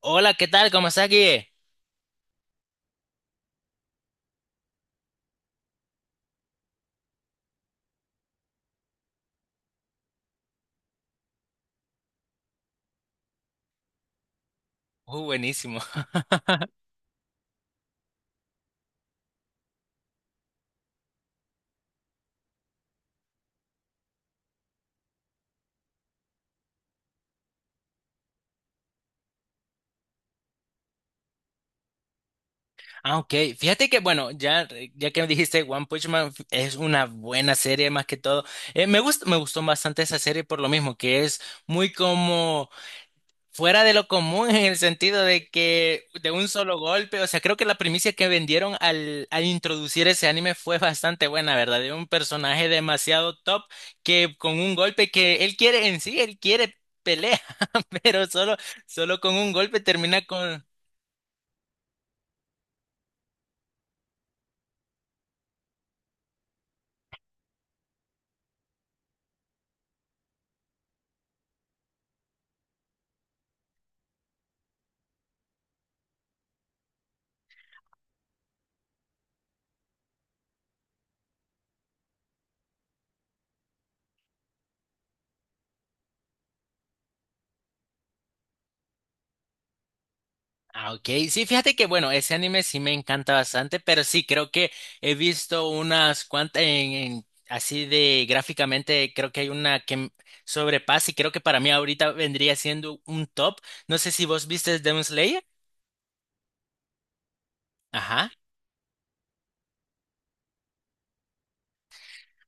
Hola, ¿qué tal? ¿Cómo estás, Guille? Buenísimo. Ah, ok. Fíjate que, bueno, ya, ya que me dijiste One Punch Man es una buena serie más que todo. Me gustó bastante esa serie por lo mismo, que es muy como fuera de lo común en el sentido de que de un solo golpe, o sea, creo que la primicia que vendieron al introducir ese anime fue bastante buena, ¿verdad? De un personaje demasiado top que con un golpe que él quiere en sí, él quiere pelea, pero solo, solo con un golpe termina con... Ah, ok. Sí, fíjate que bueno, ese anime sí me encanta bastante, pero sí, creo que he visto unas cuantas así de gráficamente, creo que hay una sobrepasa y creo que para mí ahorita vendría siendo un top. No sé si vos viste Demon Slayer. Ajá.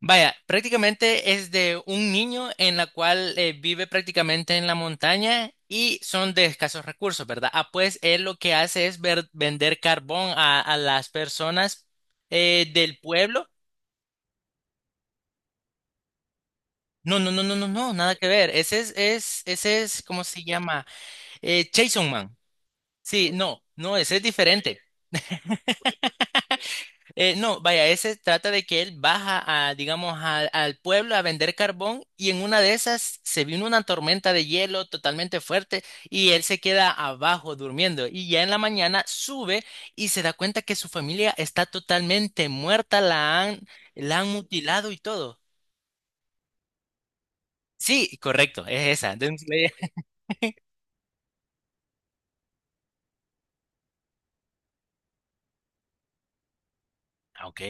Vaya, prácticamente es de un niño en la cual vive prácticamente en la montaña y son de escasos recursos, ¿verdad? Ah, pues él lo que hace es vender carbón a las personas del pueblo. No, no, no, no, no, no, nada que ver. Ese es, ese es, ¿cómo se llama? Chainsaw Man. Sí, no, no, ese es diferente. No, vaya, ese trata de que él baja a, digamos, al pueblo a vender carbón y en una de esas se vino una tormenta de hielo totalmente fuerte y él se queda abajo durmiendo y ya en la mañana sube y se da cuenta que su familia está totalmente muerta, la han mutilado y todo. Sí, correcto, es esa. Demon Slayer. Ah, ok,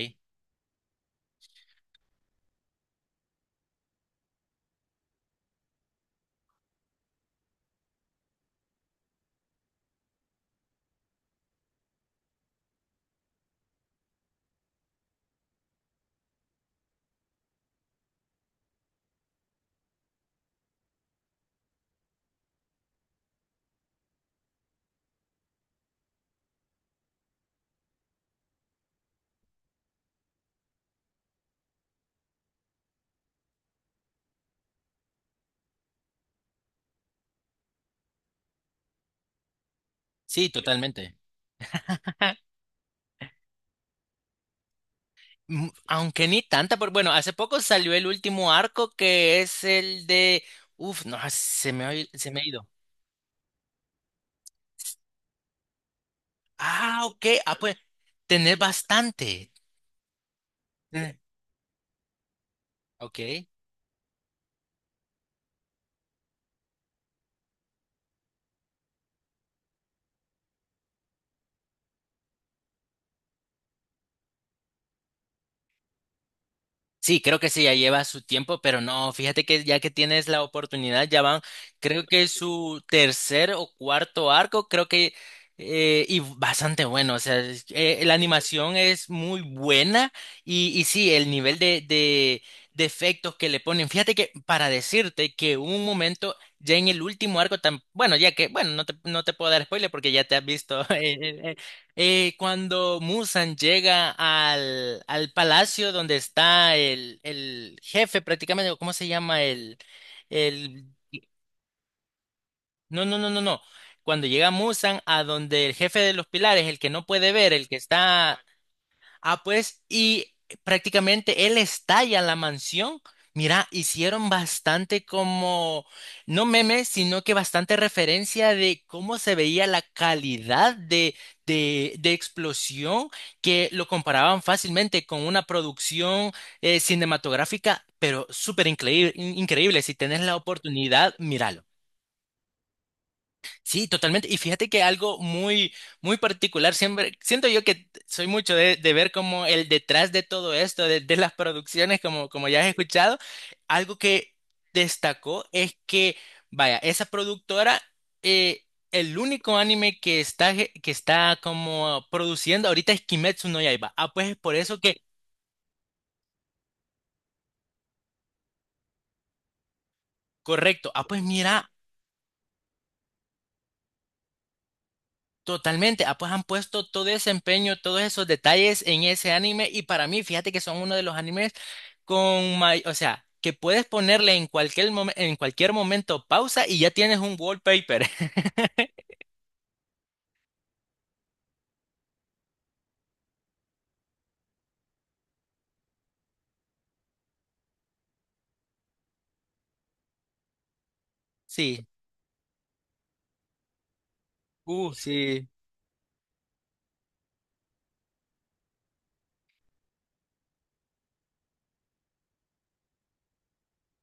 sí, totalmente. Ah, aunque ni tanta, pero bueno, hace poco salió el último arco que es el de... Uf, no, ah, se me ha, se me ha ido. Ah, ok. Ah, pues, tenés bastante. Tenés... Ok. Sí, creo que sí, ya lleva su tiempo, pero no, fíjate que ya que tienes la oportunidad, ya van, creo que es su tercer o cuarto arco, creo que, y bastante bueno, o sea, la animación es muy buena y sí, el nivel de efectos que le ponen, fíjate que para decirte que hubo un momento, ya en el último arco, tan, bueno, ya que, bueno, no te, no te puedo dar spoiler porque ya te has visto el, cuando Musan llega al palacio donde está el jefe prácticamente, o ¿cómo se llama? El... No, no, no, no, no. Cuando llega Musan a donde el jefe de los pilares, el que no puede ver, el que está... Ah, pues, y prácticamente él estalla la mansión. Mira, hicieron bastante como, no memes, sino que bastante referencia de cómo se veía la calidad de explosión, que lo comparaban fácilmente con una producción cinematográfica, pero súper increíble, increíble. Si tenés la oportunidad, míralo. Sí, totalmente. Y fíjate que algo muy, muy particular, siempre, siento yo que soy mucho de ver como el detrás de todo esto, de las producciones, como, como ya has escuchado, algo que destacó es que, vaya, esa productora, eh, el único anime que está, que está como produciendo ahorita es Kimetsu no Yaiba. Ah, pues es por eso que, correcto. Ah, pues mira, totalmente, ah, pues han puesto todo ese empeño, todos esos detalles en ese anime y para mí, fíjate que son uno de los animes con o sea, que puedes ponerle en cualquier en cualquier momento pausa y ya tienes un wallpaper. Sí, sí,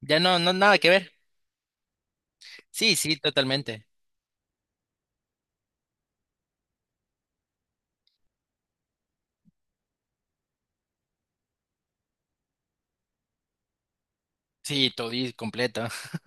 ya no, no nada que ver. Sí, sí, totalmente. Sí, todo completo.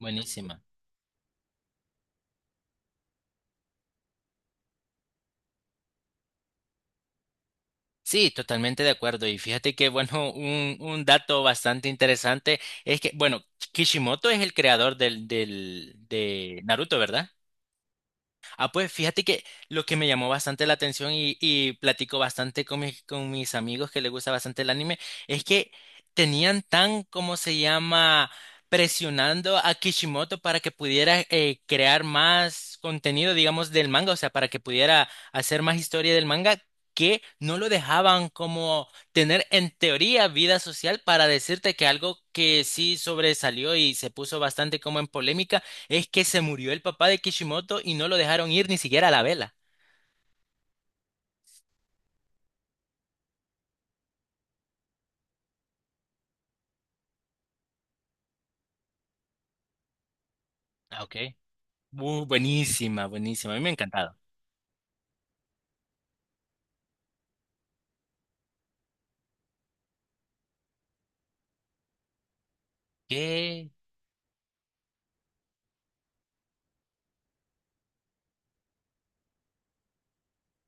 Buenísima. Sí, totalmente de acuerdo. Y fíjate que, bueno, un dato bastante interesante es que, bueno, Kishimoto es el creador del, del, de Naruto, ¿verdad? Ah, pues fíjate que lo que me llamó bastante la atención y platico bastante con mis amigos que les gusta bastante el anime es que tenían tan, ¿cómo se llama?, presionando a Kishimoto para que pudiera crear más contenido, digamos, del manga, o sea, para que pudiera hacer más historia del manga, que no lo dejaban como tener en teoría vida social para decirte que algo que sí sobresalió y se puso bastante como en polémica es que se murió el papá de Kishimoto y no lo dejaron ir ni siquiera a la vela. Ah, ok. Buenísima, buenísima. A mí me ha encantado. ¿Qué?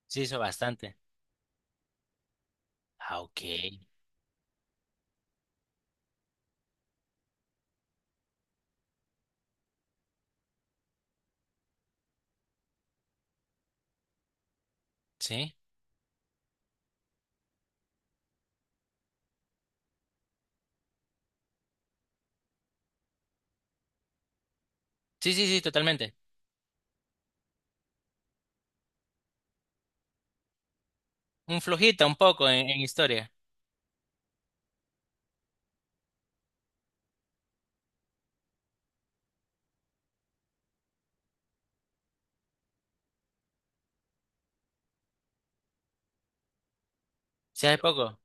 Sí, hizo bastante. Ah, ok. Sí. Sí, sí, sí, totalmente. Un flojita, un poco en historia. Sí, hace poco.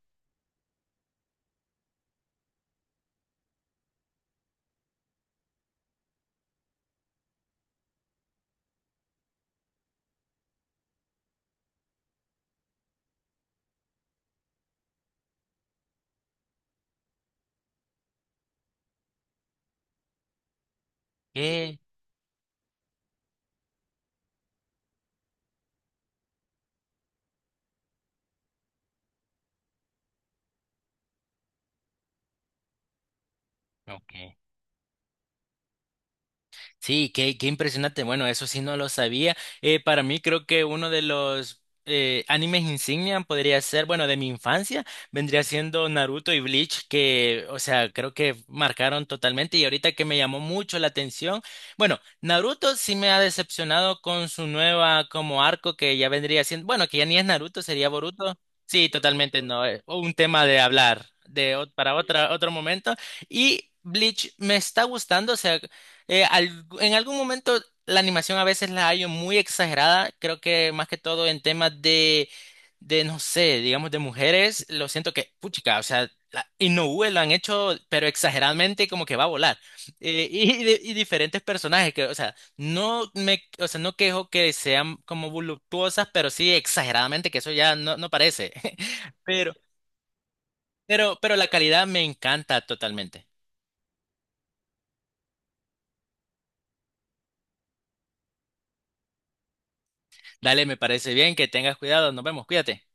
¿Qué? Ok. Sí, qué, qué impresionante. Bueno, eso sí no lo sabía. Para mí creo que uno de los animes insignia podría ser, bueno, de mi infancia, vendría siendo Naruto y Bleach, que, o sea, creo que marcaron totalmente. Y ahorita que me llamó mucho la atención, bueno, Naruto sí me ha decepcionado con su nueva como arco que ya vendría siendo, bueno, que ya ni es Naruto, sería Boruto. Sí, totalmente, no, un tema de hablar de, para otra, otro momento. Y Bleach me está gustando, o sea, en algún momento la animación a veces la hallo muy exagerada. Creo que más que todo en temas de no sé, digamos de mujeres, lo siento que, puchica, o sea, la, Inoue lo han hecho, pero exageradamente como que va a volar. Y, y diferentes personajes que, o sea, no me, o sea, no quejo que sean como voluptuosas, pero sí exageradamente, que eso ya no, no parece. Pero, pero la calidad me encanta totalmente. Dale, me parece bien, que tengas cuidado, nos vemos, cuídate.